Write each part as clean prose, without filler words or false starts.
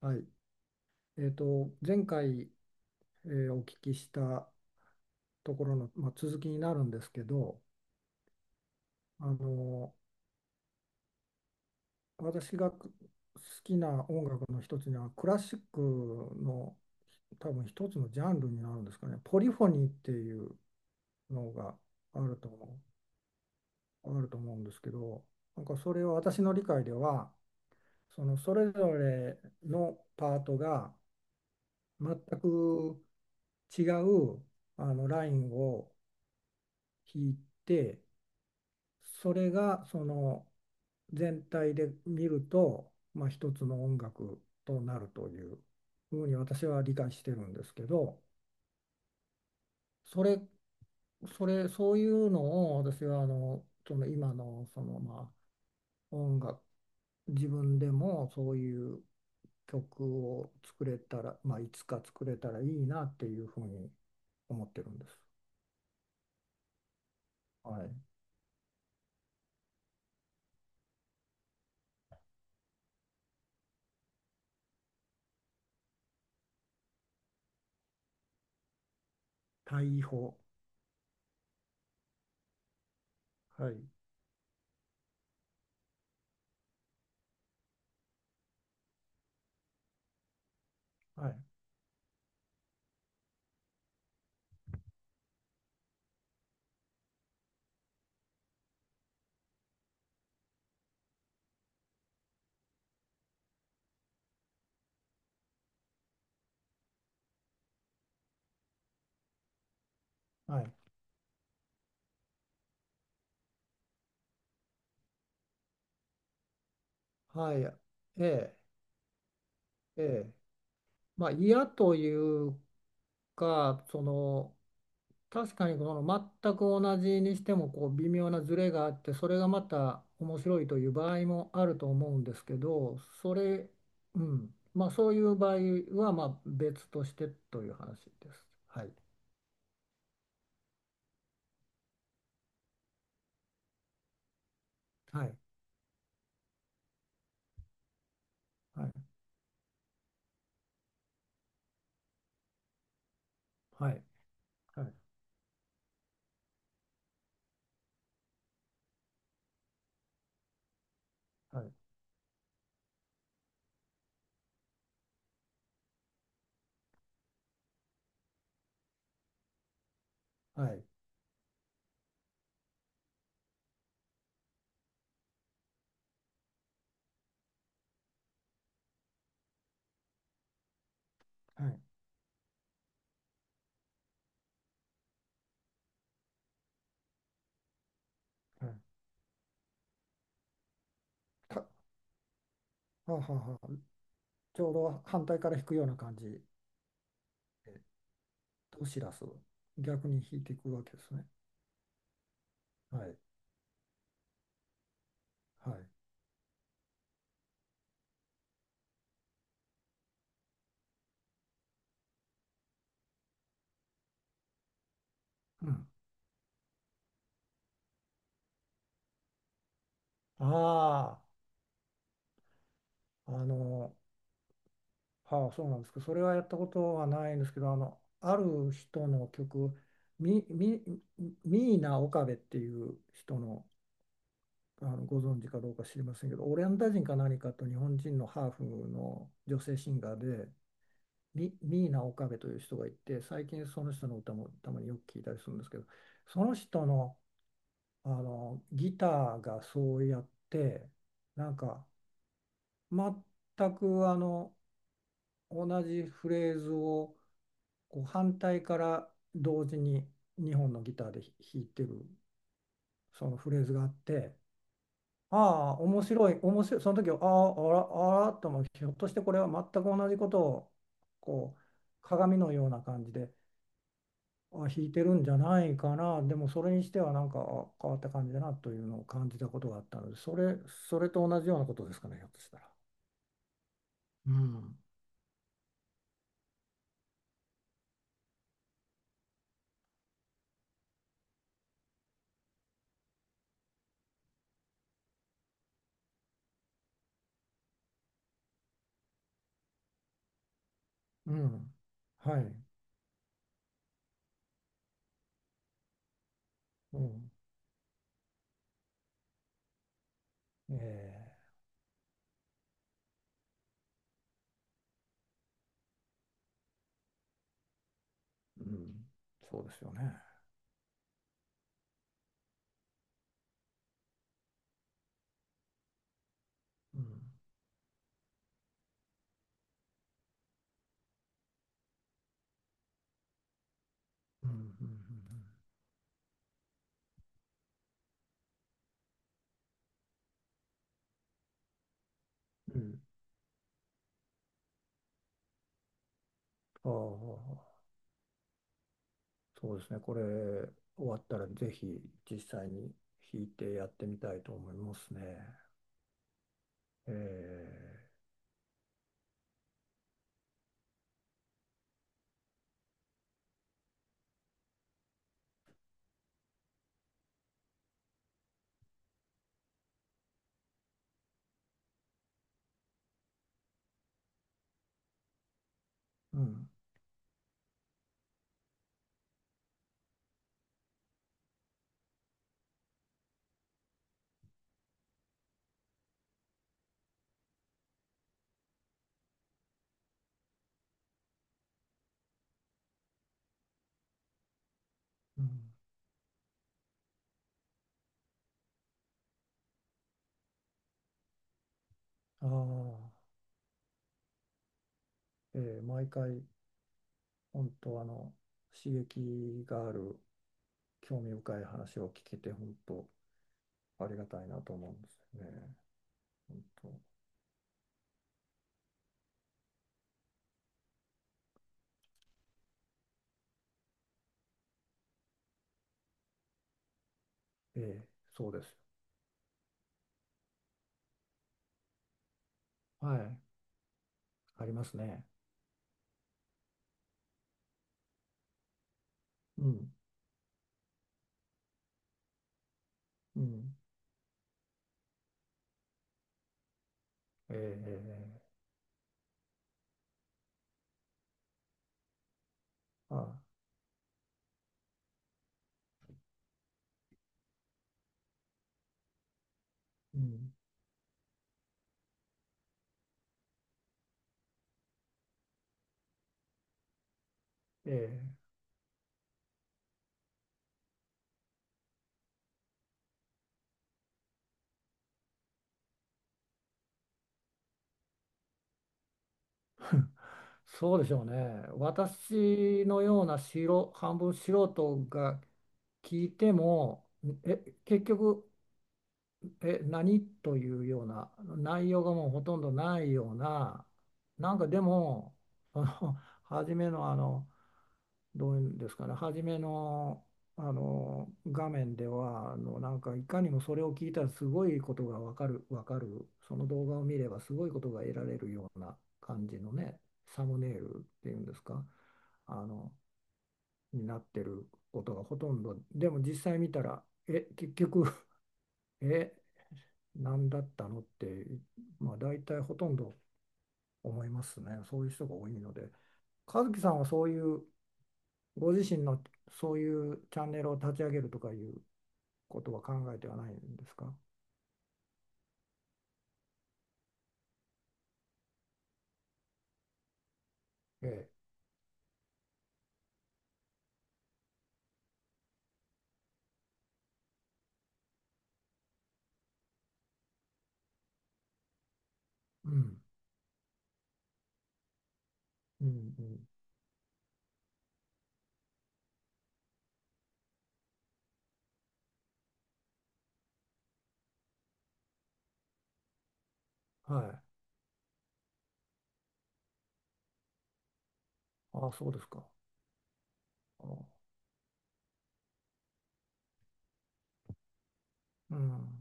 はい、前回、お聞きしたところの、まあ、続きになるんですけど、あの私が好きな音楽の一つにはクラシックの多分一つのジャンルになるんですかね、ポリフォニーっていうのがあると思あると思うんですけど、なんかそれは私の理解では、そのそれぞれのパートが全く違うラインを弾いて、それがその全体で見ると、まあ、一つの音楽となるというふうに私は理解してるんですけどそれ、そういうのを私はあのその今のそのまあ音楽自分でもそういう曲を作れたら、まあ、いつか作れたらいいなっていうふうに思ってるんです。はい。対比法。はい。はい。はい。はい。ええ。ええ。まあ、嫌というか、その、確かにこの全く同じにしてもこう微妙なズレがあってそれがまた面白いという場合もあると思うんですけどうん、まあそういう場合はまあ別としてという話です。はい。はい。はい。はい。はい。はい。はい。はいはい。たはあはあはあちょうど反対から引くような感じで、ドシラスを逆に引いていくわけですね。はい。はい。うん。ああ、あの、はあ、そうなんですけど、それはやったことはないんですけど、あの、ある人の曲、み、み、ミーナ・オカベっていう人の、あの、ご存知かどうか知りませんけど、オランダ人か何かと日本人のハーフの女性シンガーで、ミーナ・オカベという人がいて、最近その人の歌もたまによく聞いたりするんですけど、その人の、あのギターがそうやって、なんか、全くあの、同じフレーズをこう反対から同時に2本のギターで弾いてるそのフレーズがあって、ああ、面白い、その時は、ああ、あらあらと、もひょっとしてこれは全く同じことをこう鏡のような感じであ弾いてるんじゃないかな、でもそれにしてはなんかあ変わった感じだなというのを感じたことがあったので、それそれと同じようなことですかね、ひょっとしたら。うん。うん、はい、うん、ええ、うん、そうですよね。うん。うん。うん。うんうんうん。ああ、そうですね。これ、終わったらぜひ実際に弾いてやってみたいと思いますね。ええ。うん。うん。ああ、えー毎回、本当あの、刺激がある、興味深い話を聞けて、本当ありがたいなと思うんですよね。本当。ええ。そうです。はい。ありますね。うん。うん。ええ、あ、うん、ええ、そうでしょうね。私のような素人、半分素人が聞いても、え、結局、え、何というような内容がもうほとんどないような、なんかでも、あの初めのあの、どういうんですかね、初めの、あの画面ではあのなんかいかにもそれを聞いたらすごいことがわかる、わかる、その動画を見ればすごいことが得られるような感じのね、サムネイルっていうんですか、あのになってることがほとんど、でも実際見たら、え、結局 え、何だったのって、まあ、大体ほとんど思いますね、そういう人が多いので。和樹さんはそういうご自身のそういうチャンネルを立ち上げるとかいうことは考えてはないんですか。ええ、うん、うん、うん。はい。ああ、そうですか。ああ、うん。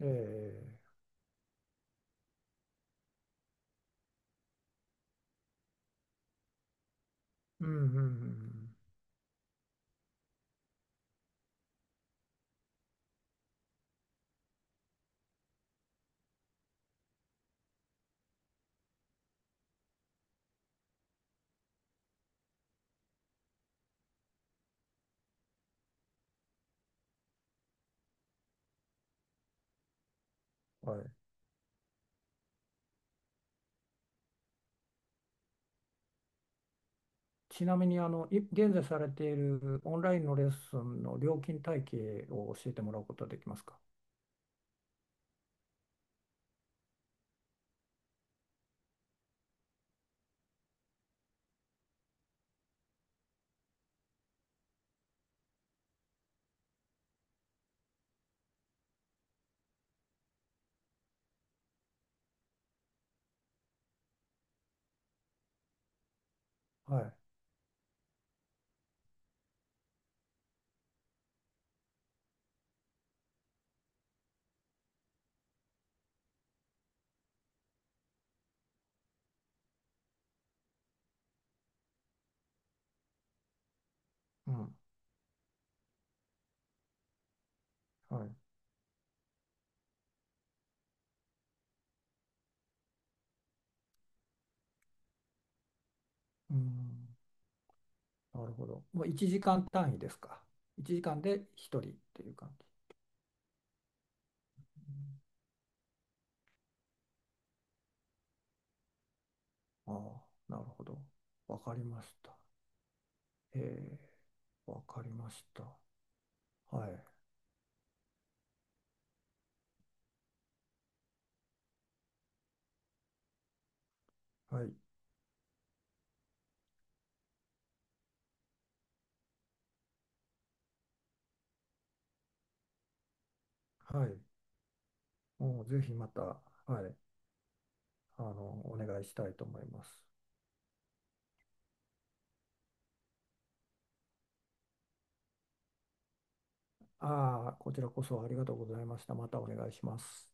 ええ、うん、うん、うんうんうん。はい。ちなみに、あの、現在されているオンラインのレッスンの料金体系を教えてもらうことはできますか。はい。うん。はい。うん。なるほど。もう1時間単位ですか。1時間で1人っていう感じ。うん。ああ、なるほど。わかりました。ええ、わかりました。はい。はい。はい。もうぜひまた、はい。あの、お願いしたいと思います。ああ、こちらこそありがとうございました。またお願いします。